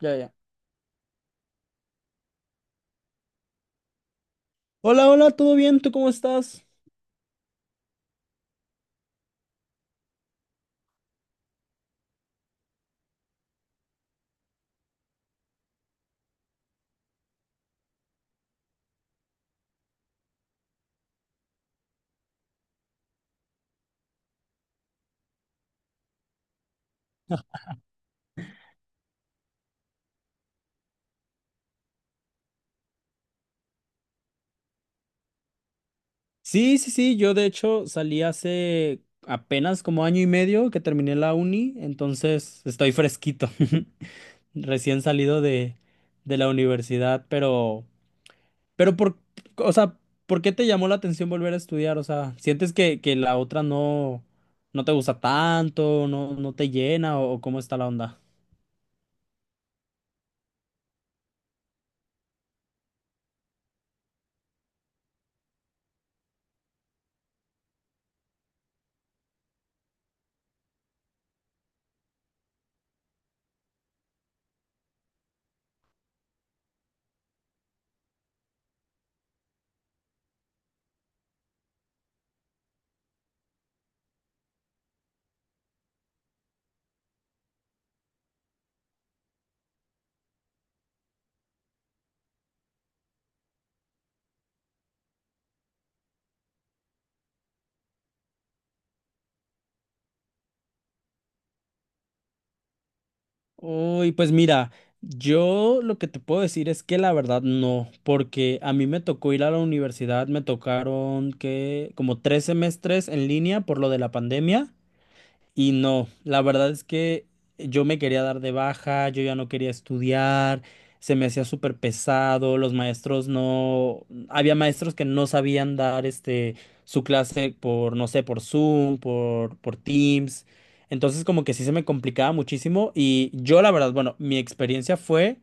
Ya, ya. Hola, hola, ¿todo bien? ¿Tú cómo estás? Sí, sí, sí, yo de hecho salí hace apenas como año y medio que terminé la uni, entonces estoy fresquito, recién salido de la universidad, pero, pero por, o sea, ¿por qué te llamó la atención volver a estudiar? O sea, ¿sientes que la otra no, no te gusta tanto, no, no te llena o cómo está la onda? Uy, pues mira, yo lo que te puedo decir es que la verdad no, porque a mí me tocó ir a la universidad, me tocaron que como tres semestres en línea por lo de la pandemia. Y no, la verdad es que yo me quería dar de baja, yo ya no quería estudiar, se me hacía súper pesado, los maestros no, había maestros que no sabían dar este su clase por, no sé, por Zoom, por Teams. Entonces como que sí se me complicaba muchísimo y yo la verdad, bueno, mi experiencia fue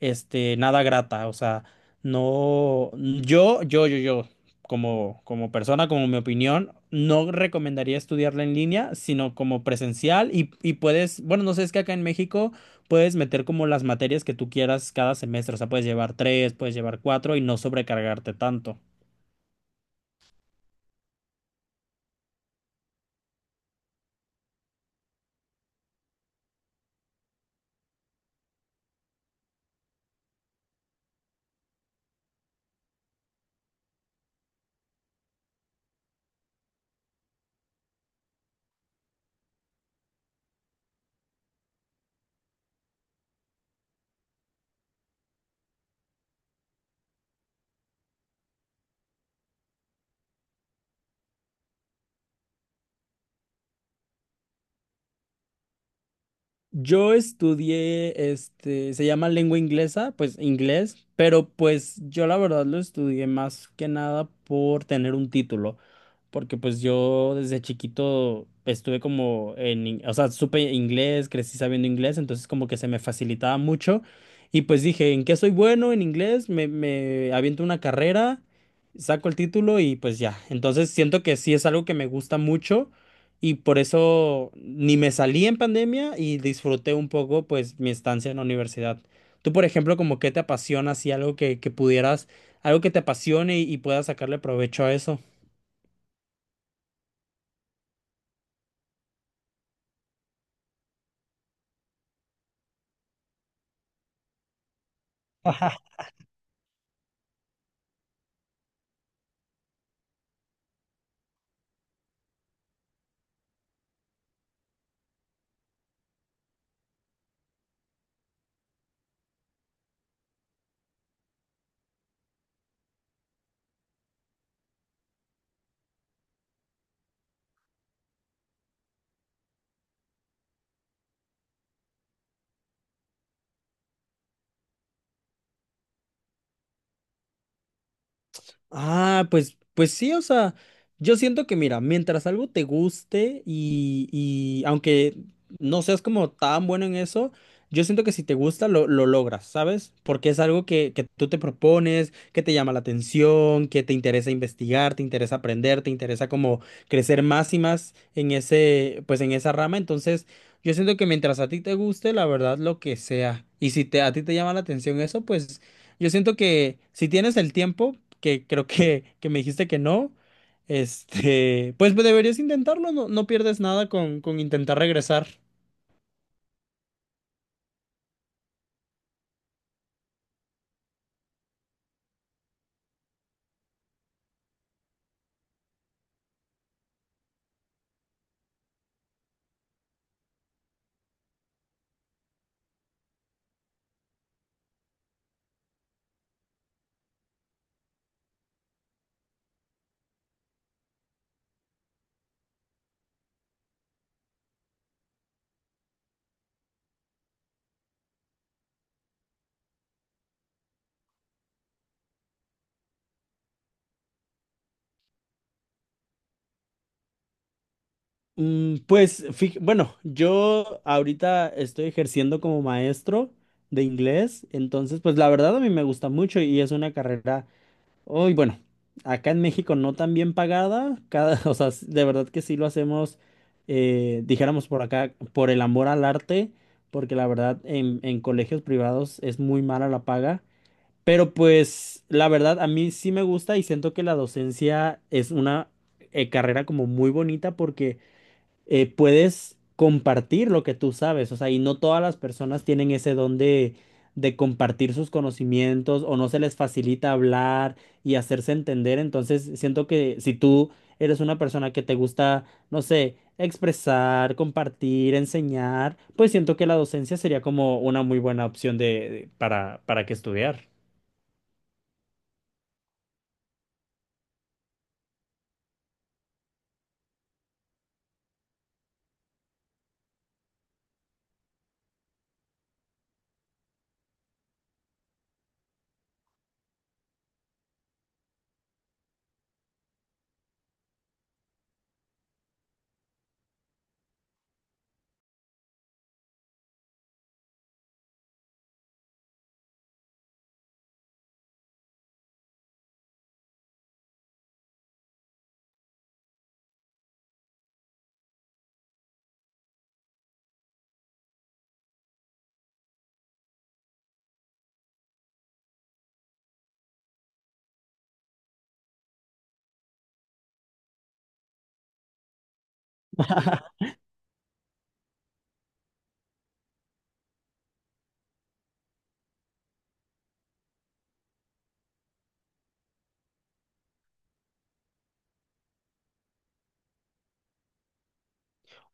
este, nada grata. O sea, no, yo, como, como persona, como mi opinión, no recomendaría estudiarla en línea, sino como presencial y puedes, bueno, no sé, es que acá en México puedes meter como las materias que tú quieras cada semestre. O sea, puedes llevar tres, puedes llevar cuatro y no sobrecargarte tanto. Yo estudié, este, se llama lengua inglesa, pues inglés, pero pues yo la verdad lo estudié más que nada por tener un título. Porque pues yo desde chiquito estuve o sea, supe inglés, crecí sabiendo inglés, entonces como que se me facilitaba mucho y pues dije, ¿en qué soy bueno en inglés? Me aviento una carrera, saco el título y pues ya. Entonces siento que sí es algo que me gusta mucho y por eso ni me salí en pandemia y disfruté un poco pues mi estancia en la universidad. Tú, por ejemplo, como qué te apasiona, así algo que pudieras, algo que te apasione y puedas sacarle provecho a eso. Ah, pues, pues sí, o sea, yo siento que mira, mientras algo te guste y aunque no seas como tan bueno en eso, yo siento que si te gusta lo logras, ¿sabes? Porque es algo que tú te propones, que te llama la atención, que te interesa investigar, te interesa aprender, te interesa como crecer más y más en ese, pues en esa rama. Entonces, yo siento que mientras a ti te guste, la verdad, lo que sea. Y si te, a ti te llama la atención eso, pues... Yo siento que si tienes el tiempo, que creo que me dijiste que no, este, pues deberías intentarlo, no, no pierdes nada con intentar regresar. Pues, fij- bueno, yo ahorita estoy ejerciendo como maestro de inglés, entonces, pues la verdad a mí me gusta mucho y es una carrera. Uy, bueno, acá en México no tan bien pagada, cada, o sea, de verdad que sí lo hacemos, dijéramos por acá, por el amor al arte, porque la verdad en colegios privados es muy mala la paga, pero pues la verdad a mí sí me gusta y siento que la docencia es una carrera como muy bonita porque puedes compartir lo que tú sabes, o sea, y no todas las personas tienen ese don de compartir sus conocimientos o no se les facilita hablar y hacerse entender, entonces siento que si tú eres una persona que te gusta, no sé, expresar, compartir, enseñar, pues siento que la docencia sería como una muy buena opción de, para que estudiar.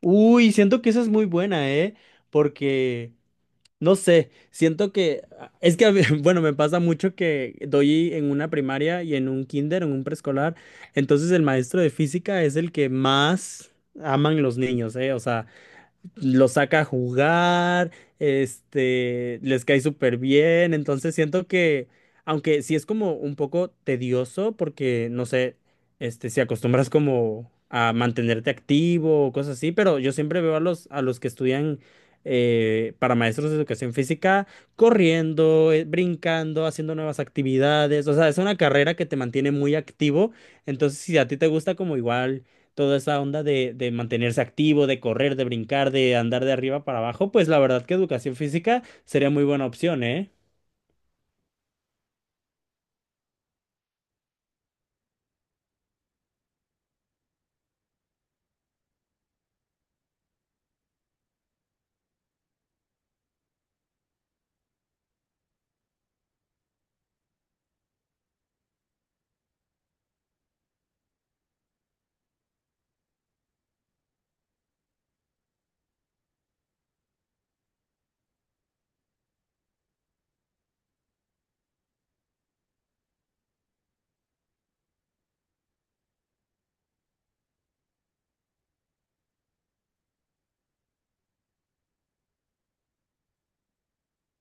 Uy, siento que esa es muy buena, ¿eh? Porque... No sé, siento que ah, es que, a ve- bueno, me pasa mucho que doy en una primaria y en un kinder, en un preescolar, entonces el maestro de física es el que más aman los niños, ¿eh? O sea, los saca a jugar, este, les cae súper bien, entonces siento que, aunque sí es como un poco tedioso, porque no sé, este, si acostumbras como a mantenerte activo o cosas así, pero yo siempre veo a los que estudian para maestros de educación física corriendo, brincando, haciendo nuevas actividades, o sea, es una carrera que te mantiene muy activo, entonces si a ti te gusta como igual toda esa onda de mantenerse activo, de correr, de brincar, de andar de arriba para abajo, pues la verdad que educación física sería muy buena opción, ¿eh?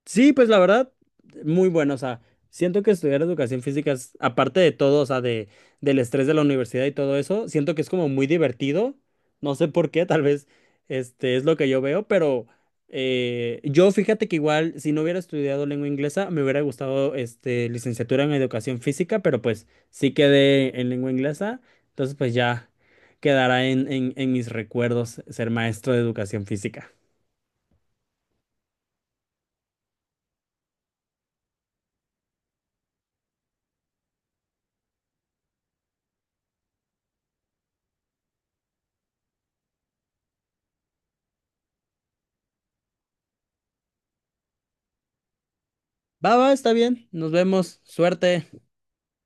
Sí, pues la verdad, muy bueno. O sea, siento que estudiar educación física es, aparte de todo, o sea, de, del estrés de la universidad y todo eso, siento que es como muy divertido. No sé por qué, tal vez este es lo que yo veo, pero yo fíjate que igual, si no hubiera estudiado lengua inglesa, me hubiera gustado este, licenciatura en educación física, pero pues sí quedé en lengua inglesa, entonces pues ya quedará en, en mis recuerdos ser maestro de educación física. Va, va, está bien. Nos vemos. Suerte.